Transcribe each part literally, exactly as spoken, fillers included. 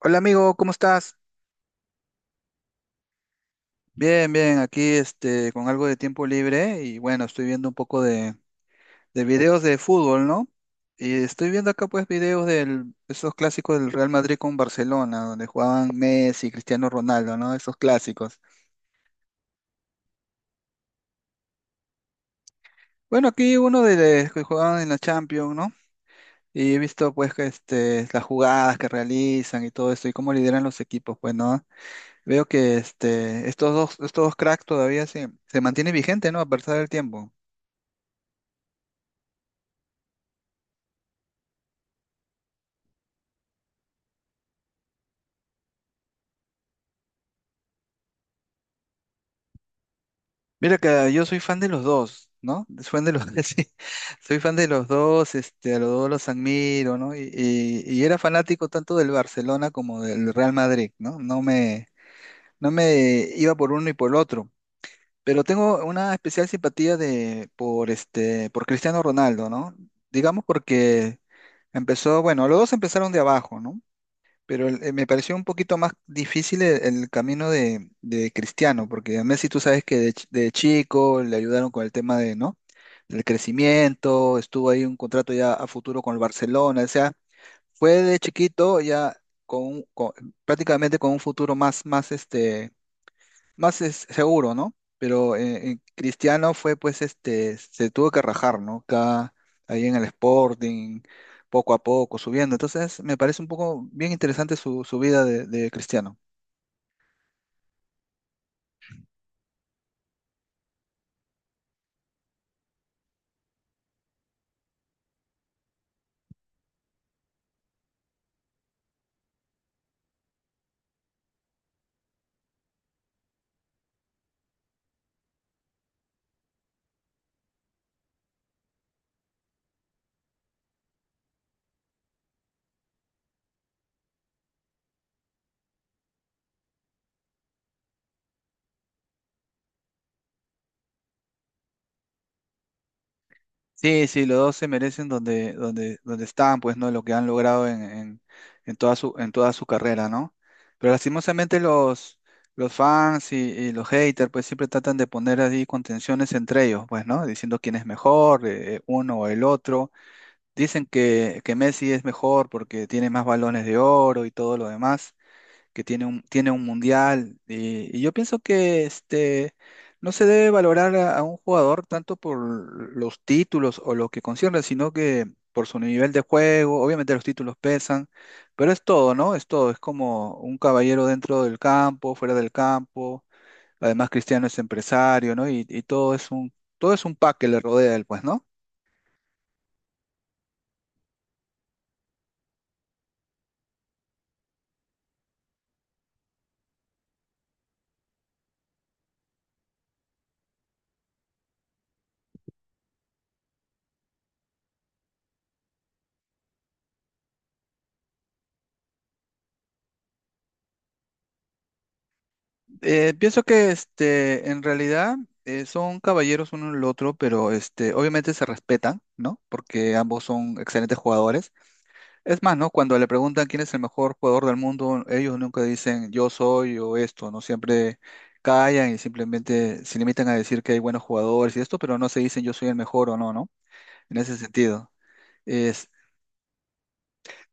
Hola amigo, ¿cómo estás? Bien, bien, aquí este, con algo de tiempo libre y bueno, estoy viendo un poco de, de videos de fútbol, ¿no? Y estoy viendo acá pues videos de esos clásicos del Real Madrid con Barcelona, donde jugaban Messi, Cristiano Ronaldo, ¿no? Esos clásicos. Bueno, aquí uno de los que jugaban en la Champions, ¿no? Y he visto pues que, este, las jugadas que realizan y todo esto y cómo lideran los equipos, pues, ¿no? Veo que este, estos dos, estos dos cracks todavía se, se mantienen vigentes, ¿no? A pesar del tiempo. Mira que yo soy fan de los dos, ¿no? Soy fan de los sí, soy fan de los dos, este, a los dos los admiro, ¿no? Y, y- y era fanático tanto del Barcelona como del Real Madrid, ¿no? No me, no me iba por uno y por el otro. Pero tengo una especial simpatía de, por este, por Cristiano Ronaldo, ¿no? Digamos porque empezó, bueno, los dos empezaron de abajo, ¿no? Pero el- eh, me pareció un poquito más difícil el, el camino de, de Cristiano, porque a Messi tú sabes que de, ch- de chico le ayudaron con el tema de, ¿no? Del crecimiento, estuvo ahí un contrato ya a futuro con el Barcelona, o sea, fue de chiquito ya con, un- con- prácticamente con un futuro más, más este, más es seguro, ¿no? Pero eh, eh, Cristiano fue, pues, este, se tuvo que rajar, ¿no? Acá, ahí en el Sporting, poco a poco, subiendo. Entonces, me parece un poco bien interesante su, su vida de, de Cristiano. Sí, sí, los dos se merecen donde, donde, donde están, pues, ¿no? Lo que han logrado en, en, en toda su, en toda su carrera, ¿no? Pero lastimosamente los, los fans y, y los haters, pues, siempre tratan de poner ahí contenciones entre ellos, pues, ¿no? Diciendo quién es mejor, eh, uno o el otro. Dicen que, que Messi es mejor porque tiene más balones de oro y todo lo demás, que tiene un, tiene un mundial. Y, y yo pienso que este, no se debe valorar a, a un jugador tanto por los títulos o lo que concierne, sino que por su nivel de juego. Obviamente los títulos pesan, pero es todo, ¿no? Es todo. Es como un caballero dentro del campo, fuera del campo. Además, Cristiano es empresario, ¿no? Y, y todo es un, todo es un pack que le rodea a él, pues, ¿no? Eh, pienso que este, en realidad eh, son caballeros uno el otro, pero este, obviamente se respetan, ¿no? Porque ambos son excelentes jugadores. Es más, ¿no? Cuando le preguntan quién es el mejor jugador del mundo, ellos nunca dicen yo soy o esto, ¿no? Siempre callan y simplemente se limitan a decir que hay buenos jugadores y esto, pero no se dicen yo soy el mejor o no, ¿no? En ese sentido. Es,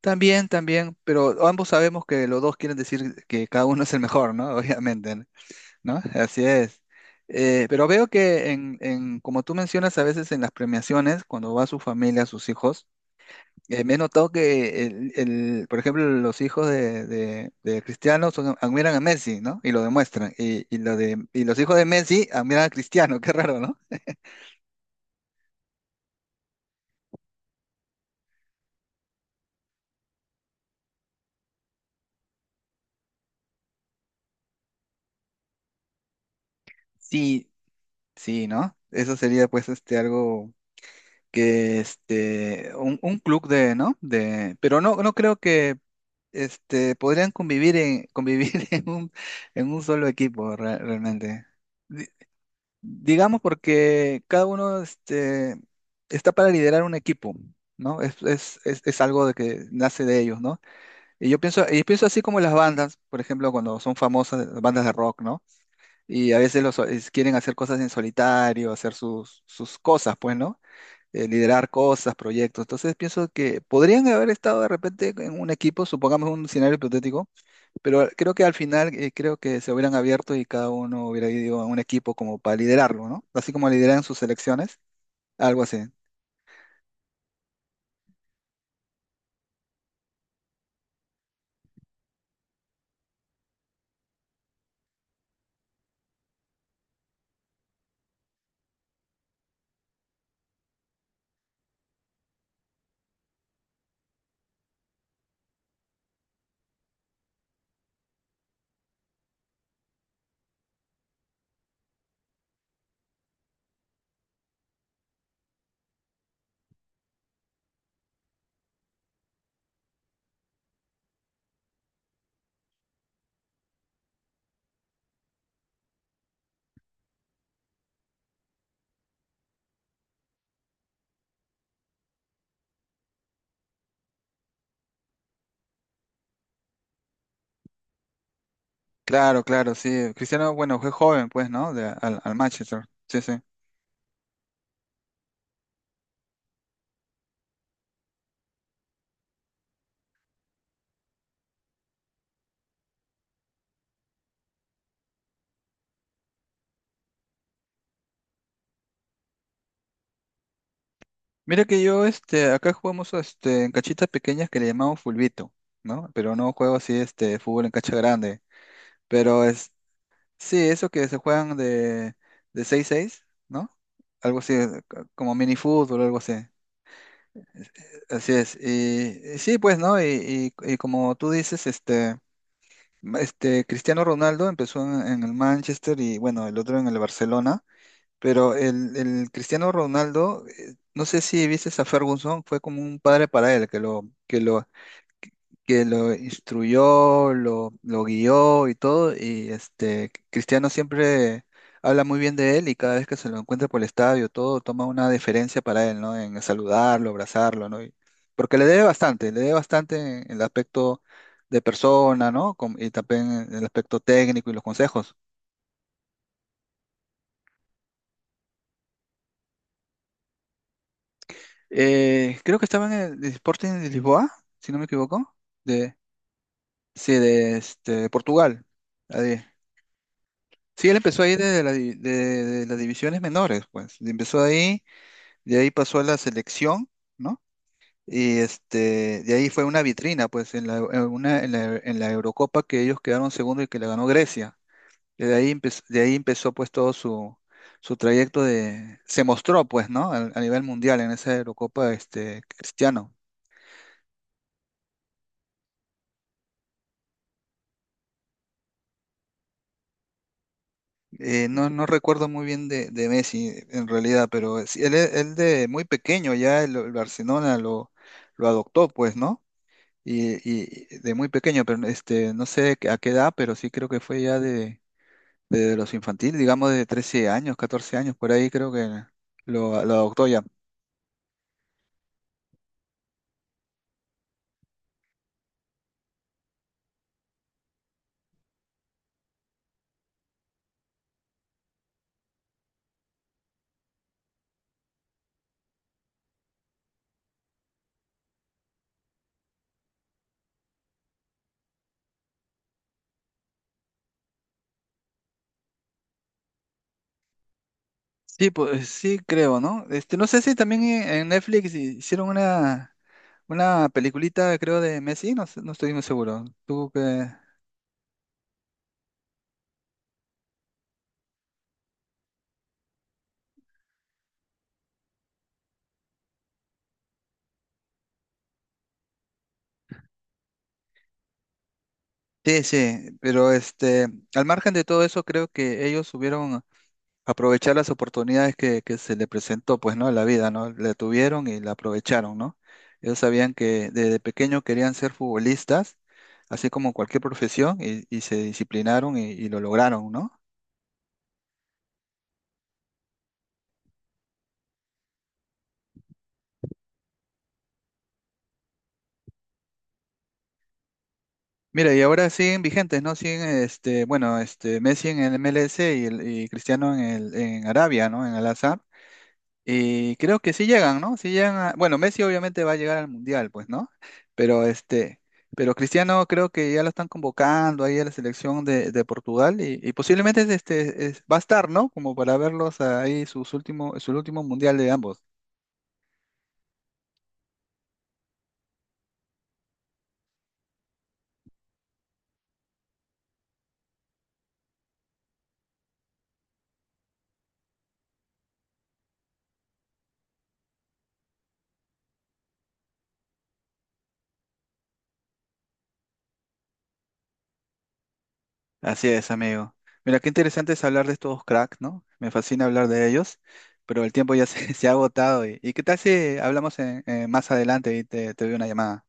también, también, pero ambos sabemos que los dos quieren decir que cada uno es el mejor, ¿no? Obviamente, ¿no? ¿no? Así es. Eh, pero veo que en, en- como tú mencionas a veces en las premiaciones, cuando va su familia, sus hijos, eh, me he notado que el, el- por ejemplo, los hijos de, de- de Cristiano son- admiran a Messi, ¿no? Y lo demuestran. Y, y lo de, y los hijos de Messi admiran a Cristiano, qué raro, ¿no? Sí, sí, ¿no? Eso sería pues este algo que este, un, un club de, ¿no? De, pero no, no creo que este, podrían convivir en, convivir en un, en un solo equipo re- realmente. Di- digamos porque cada uno este, está para liderar un equipo, ¿no? Es, es, es, es algo de que nace de ellos, ¿no? Y yo pienso, y pienso así como las bandas, por ejemplo, cuando son famosas, las bandas de rock, ¿no? Y a veces los, es- quieren hacer cosas en solitario, hacer sus, sus cosas, pues, ¿no? Eh, liderar cosas, proyectos. Entonces pienso que podrían haber estado de repente en un equipo, supongamos un escenario hipotético, pero creo que al final eh, creo que se hubieran abierto y cada uno hubiera ido a un equipo como para liderarlo, ¿no? Así como lideran sus selecciones, algo así. Claro, claro, sí. Cristiano, bueno, fue joven, pues, ¿no? De- al, al Manchester. Sí, sí. Mira que yo, este, acá jugamos, este, en cachitas pequeñas que le llamamos fulbito, ¿no? Pero no juego así, este, fútbol en cancha grande. Pero, sí, eso que se juegan de, de seis seis, ¿no? Algo así, c- como mini fútbol, algo así. Así es. Y, y sí, pues, ¿no? Y, y- y como tú dices, este, este Cristiano Ronaldo empezó en, en el Manchester y bueno, el otro en el Barcelona. Pero el, el Cristiano Ronaldo, eh, no sé si viste a Ferguson, fue como un padre para él, que lo, que lo que lo instruyó, lo, lo guió y todo, y este, Cristiano siempre habla muy bien de él y cada vez que se lo encuentra por el estadio, todo toma una deferencia para él, ¿no? En saludarlo, abrazarlo, ¿no? Y- porque le debe bastante, le debe bastante en el aspecto de persona, ¿no? Com- y también en el aspecto técnico y los consejos. Eh, creo que estaba en el Sporting de Lisboa, si no me equivoco, de, sí, de este, Portugal. Ahí. Sí, él empezó ahí desde la di- de, de las divisiones menores, pues. Empezó ahí, de ahí pasó a la selección, ¿no? Y este, de ahí fue una vitrina, pues, en la, en una, en la, en la Eurocopa que ellos quedaron segundo y que la ganó Grecia. De ahí empezó, de ahí empezó pues todo su, su trayecto de, se mostró pues, ¿no? A, a nivel mundial en esa Eurocopa, este, Cristiano. Eh, no, no recuerdo muy bien de, de Messi en realidad, pero sí, él, él de muy pequeño ya el el Barcelona lo, lo adoptó, pues, ¿no? y, y de muy pequeño, pero este, no sé a qué edad, pero sí creo que fue ya de, de los infantiles, digamos de trece años, catorce años, por ahí creo que lo, lo adoptó ya. Sí, pues sí creo, ¿no? Este, no sé si también en en Netflix hi- hicieron una, una peliculita, creo, de Messi, no, sé- no estoy muy seguro. Tú que... Sí, sí, pero este, al margen de todo eso, creo que ellos subieron aprovechar las oportunidades que, que se le presentó, pues, ¿no? En la vida, ¿no? La tuvieron y la aprovecharon, ¿no? Ellos sabían que desde pequeño querían ser futbolistas, así como cualquier profesión, y, y se disciplinaron y, y lo lograron, ¿no? Mira, y ahora siguen vigentes, ¿no? Siguen, este, bueno, este, Messi en el M L S y, el- y Cristiano en el, en Arabia, ¿no? En Al-Azhar. Y creo que sí llegan, ¿no? Sí llegan a- Bueno, Messi obviamente va a llegar al Mundial, pues, ¿no? Pero este, pero Cristiano creo que ya lo están convocando ahí a la selección de, de Portugal y, y posiblemente este es- va a estar, ¿no? Como para verlos ahí sus últimos, su último Mundial de ambos. Así es, amigo. Mira, qué interesante es hablar de estos cracks, ¿no? Me fascina hablar de ellos, pero el tiempo ya se, se ha agotado. ¿Y, y qué tal si hablamos en- en- más adelante y te, te doy una llamada?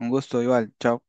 Un gusto, igual. Chao.